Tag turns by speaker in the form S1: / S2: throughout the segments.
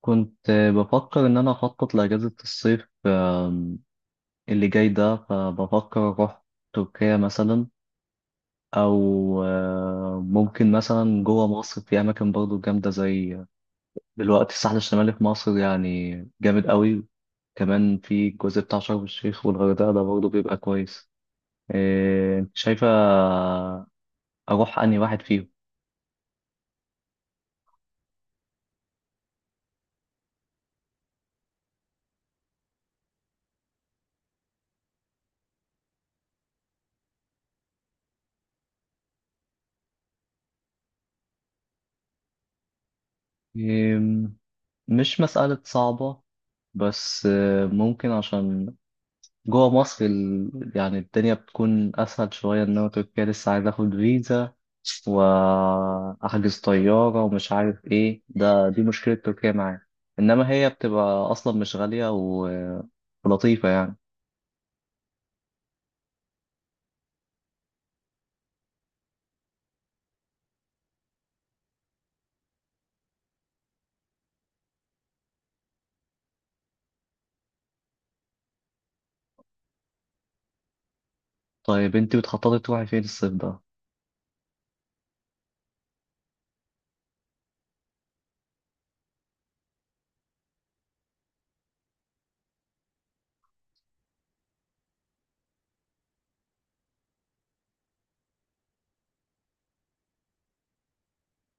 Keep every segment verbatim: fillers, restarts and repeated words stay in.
S1: كنت بفكر إن أنا أخطط لأجازة الصيف آم، اللي جاي ده، فبفكر أروح تركيا مثلا، أو آه، ممكن مثلا جوه مصر في أماكن برضو جامدة، زي دلوقتي الساحل الشمالي في مصر يعني جامد قوي، كمان في الجزء بتاع شرم الشيخ والغردقة ده برضو بيبقى كويس. آه، أنت شايفة أروح أنهي واحد فيهم؟ آم، مش مسألة صعبة، بس آه، ممكن عشان جوه مصر ال... يعني الدنيا بتكون أسهل شوية، إنما تركيا لسه عايز آخد فيزا وأحجز طيارة ومش عارف إيه، ده دي مشكلة تركيا معايا، إنما هي بتبقى أصلا مش غالية و... ولطيفة يعني. طيب أنتوا بتخططي تروحي فين الصيف ده؟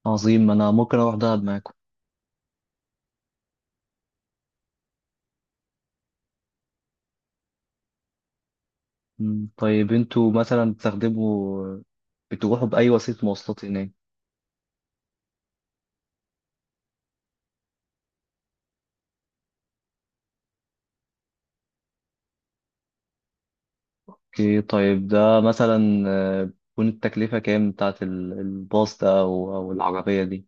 S1: عظيم، أنا ممكن أروح دهب معاكم. مم، طيب أنتوا مثلا بتستخدموا بتروحوا بأي وسيلة مواصلات هناك؟ أوكي، طيب ده مثلا آه، تكون التكلفة كام بتاعت ال- الباص ده أو أو العربية دي؟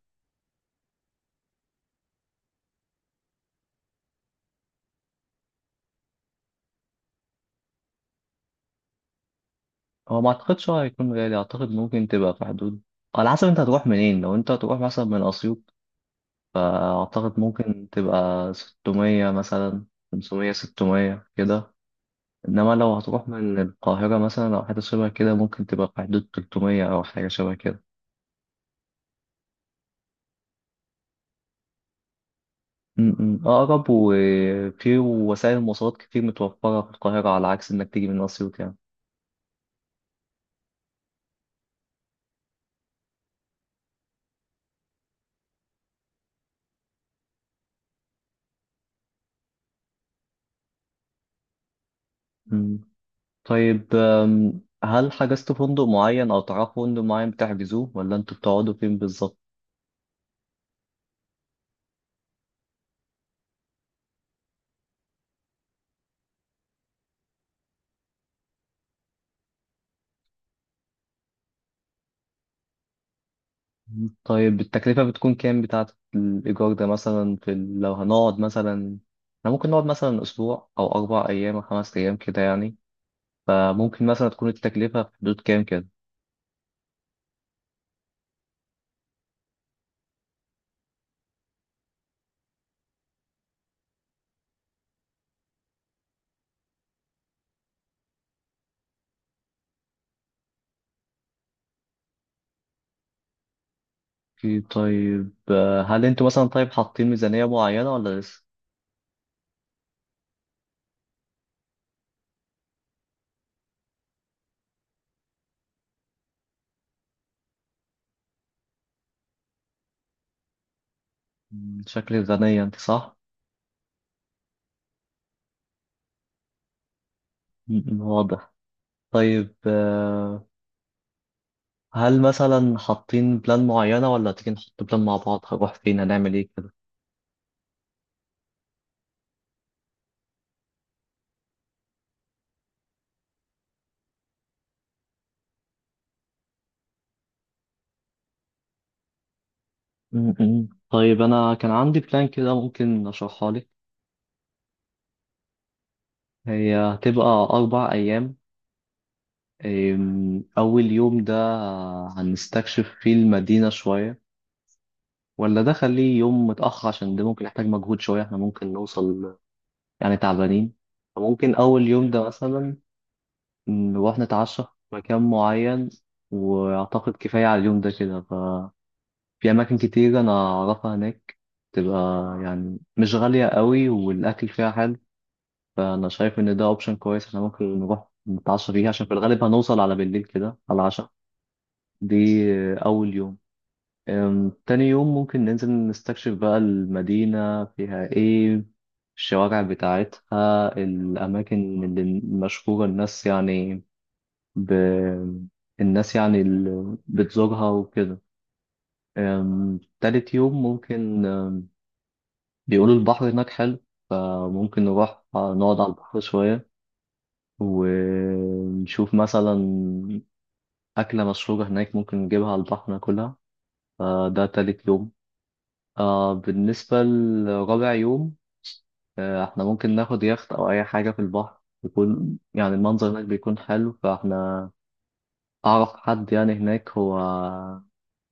S1: هو ما اعتقدش هو هيكون غالي، اعتقد ممكن تبقى في حدود، على حسب انت هتروح منين. لو انت هتروح مثلا من اسيوط، فاعتقد ممكن تبقى ستمية مثلا، خمسمية ستمية كده، انما لو هتروح من القاهرة مثلا او حاجة شبه كده ممكن تبقى في حدود تلتمية او حاجة شبه كده. م- م. اقرب، وفي وسائل المواصلات كتير متوفرة في القاهرة على عكس انك تيجي من اسيوط يعني. م. طيب أم، هل حجزت فندق معين او تعرفوا فندق معين بتحجزوه، ولا انتوا بتقعدوا فين بالظبط؟ طيب التكلفة بتكون كام بتاعة الإيجار ده مثلا في ال- لو هنقعد مثلا، احنا ممكن نقعد مثلا أسبوع أو أربع أيام أو خمس أيام كده يعني، فممكن مثلا تكون التكلفة في حدود كام كده؟ أوكي، طيب آه، هل انتوا مثلا، طيب، حاطين ميزانية معينة ولا لسه؟ مم، شكل الميزانية انت صح؟ مم، واضح. طيب آه، هل مثلا حاطين بلان معينة، ولا تيجي نحط بلان مع بعض، هنروح فين هنعمل ايه كده؟ مم، مم. طيب أنا كان عندي بلان كده، ممكن أشرحها لك. هي هتبقى أربع أيام. أم، أول يوم ده هنستكشف فيه المدينة شوية، ولا ده خليه يوم متأخر عشان ده ممكن يحتاج مجهود شوية، احنا ممكن نوصل يعني تعبانين. فممكن أول يوم ده مثلا نروح نتعشى في مكان معين، وأعتقد كفاية على اليوم ده كده، ففي أماكن كتير أنا أعرفها هناك تبقى يعني مش غالية قوي والأكل فيها حلو، فانا شايف ان ده اوبشن كويس، احنا ممكن نروح نتعشى فيه عشان في الغالب هنوصل على بالليل كده، على العشاء دي. آه، اول يوم. أم، تاني يوم ممكن ننزل نستكشف بقى المدينة فيها ايه، الشوارع بتاعتها، الاماكن اللي مشهورة، الناس يعني ب... الناس يعني اللي بتزورها وكده. أم، تالت يوم ممكن، أم، بيقولوا البحر هناك حلو، فممكن نروح نقعد على البحر شوية، ونشوف مثلا أكلة مشهورة هناك ممكن نجيبها على البحر ناكلها. فده تالت يوم. آه بالنسبة لرابع يوم، آه احنا ممكن ناخد يخت أو أي حاجة في البحر، يكون يعني المنظر هناك بيكون حلو، فاحنا أعرف حد يعني هناك، هو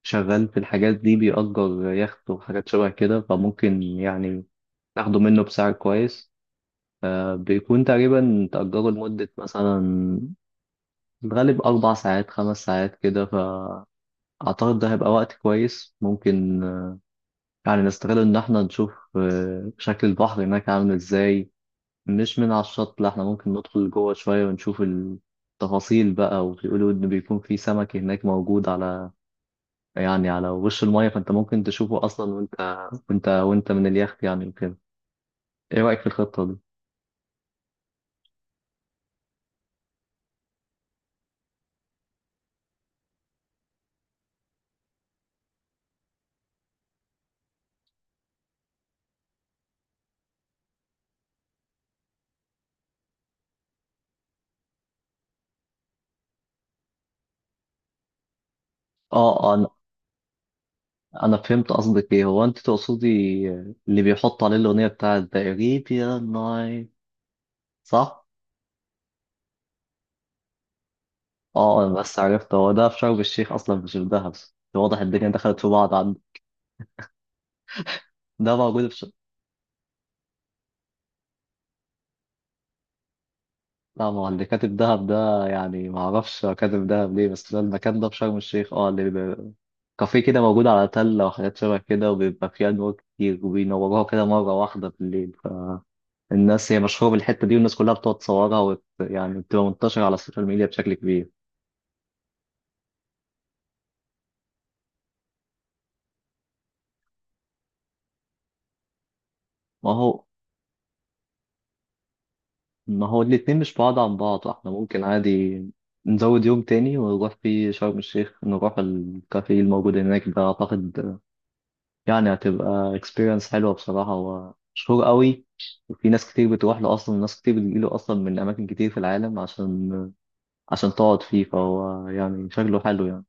S1: شغال في الحاجات دي، بيأجر يخت وحاجات شبه كده، فممكن يعني ناخده منه بسعر كويس. آه بيكون تقريبا تأجره لمدة مثلا في الغالب أربع ساعات خمس ساعات كده، فأعتقد ده هيبقى وقت كويس، ممكن آه، يعني نستغل إن إحنا نشوف آه، شكل البحر هناك عامل إزاي. مش من على الشط، لا، إحنا ممكن ندخل جوه شوية ونشوف التفاصيل بقى، وبيقولوا إن بيكون في سمك هناك موجود على يعني على وش المية، فأنت ممكن تشوفه أصلا وأنت وأنت وأنت من اليخت يعني وكده. إيه رأيك في الخطة دي؟ آه آه، أنا أنا فهمت قصدك إيه، هو أنت تقصدي اللي بيحط عليه الأغنية بتاعت The Arabian Night صح؟ اه آه، بس عرفت هو ده في شرم الشيخ اصلا مش في دهب، واضح الدنيا دخلت في بعض عنده. ده موجود في ش... لا، ما هو اللي كاتب دهب ده يعني ما اعرفش هو كاتب دهب ليه، بس ده المكان ده في شرم الشيخ، اه اللي بيبقى كافيه كده موجود على تلة وحاجات شبه كده، وبيبقى فيه أنوار كتير وبينوروها كده مرة واحدة بالليل، فالناس هي مشهورة بالحتة دي، والناس كلها بتقعد تصورها وت... يعني بتبقى منتشرة على السوشيال ميديا بشكل كبير. ما هو ما هو الاتنين مش بعاد عن بعض، احنا ممكن عادي نزود يوم تاني ونروح فيه شرم الشيخ، نروح الكافيه الموجود هناك ده. اعتقد يعني هتبقى experience حلوة بصراحة، هو مشهور قوي وفي ناس كتير بتروح له اصلا، وناس كتير بتجيله اصلا من اماكن كتير في العالم عشان عشان تقعد فيه، فهو يعني شكله حلو يعني.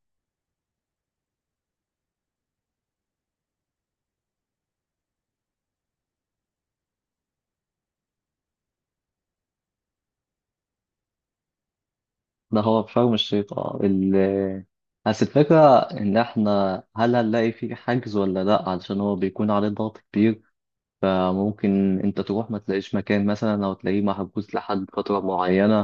S1: ده هو في شرم الشيخ، اه ال بس الفكرة إن إحنا هل هنلاقي فيه حجز ولا لأ، علشان هو بيكون عليه ضغط كبير، فممكن انت تروح ما تلاقيش مكان مثلا، او تلاقيه محجوز لحد فترة معينة.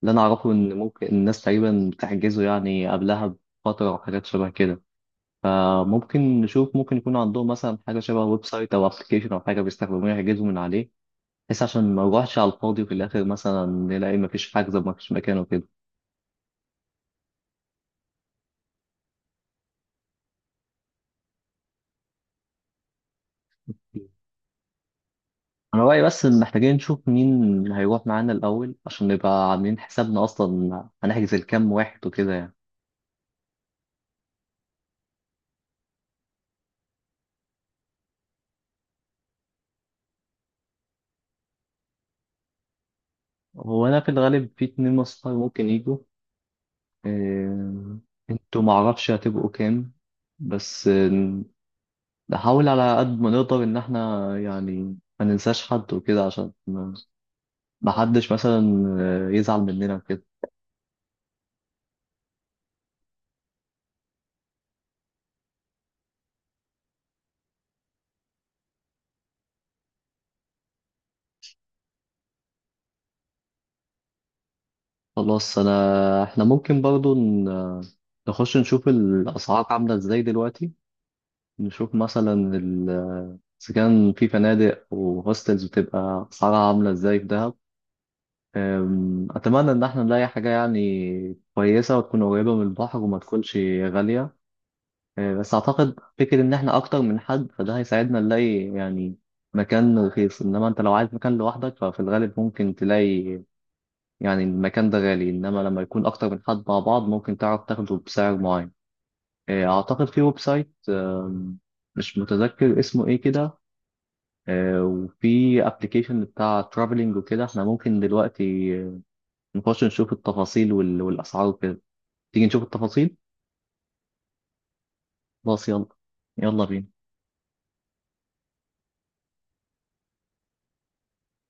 S1: اللي انا اعرفه ان ممكن الناس تقريبا بتحجزه يعني قبلها بفترة او حاجات شبه كده، فممكن نشوف ممكن يكون عندهم مثلا حاجة شبه ويب سايت او ابلكيشن او حاجة بيستخدموها يحجزوا من عليه، بس عشان ما نروحش على الفاضي وفي الاخر مثلا نلاقي مفيش حجز ومفيش مكان وكده. انا رايي بس ان محتاجين نشوف مين هيروح معانا الاول، عشان نبقى عاملين حسابنا اصلا هنحجز لكام واحد وكده يعني. هو انا في الغالب في اتنين مصنع ممكن يجوا. آه، انتوا معرفش هتبقوا كام، بس آه، نحاول على قد ما نقدر ان احنا يعني ما ننساش حد وكده، عشان ما ما حدش مثلا آه، يزعل مننا وكده. خلاص، انا احنا ممكن برضو ن- آه، نخش نشوف الاسعار عاملة ازاي دلوقتي، نشوف مثلا ال- آه، اذا كان في فنادق وهوستلز بتبقى اسعارها عاملة ازاي في دهب. أم، أتمنى إن احنا نلاقي حاجة يعني كويسة وتكون قريبة من البحر وما تكونش غالية. أه، بس أعتقد فكرة إن احنا أكتر من حد فده هيساعدنا نلاقي يعني مكان رخيص، إنما أنت لو عايز مكان لوحدك ففي الغالب ممكن تلاقي يعني المكان ده غالي، إنما لما يكون أكتر من حد مع بعض ممكن تعرف تاخده بسعر معين. أه، أعتقد في ويب سايت، أم، مش متذكر اسمه إيه كده، أه، وفي أبلكيشن بتاع ترافلينج وكده، احنا ممكن دلوقتي نخش نشوف التفاصيل وال... والأسعار وكده. تيجي نشوف التفاصيل. خلاص، يلا يلا بينا.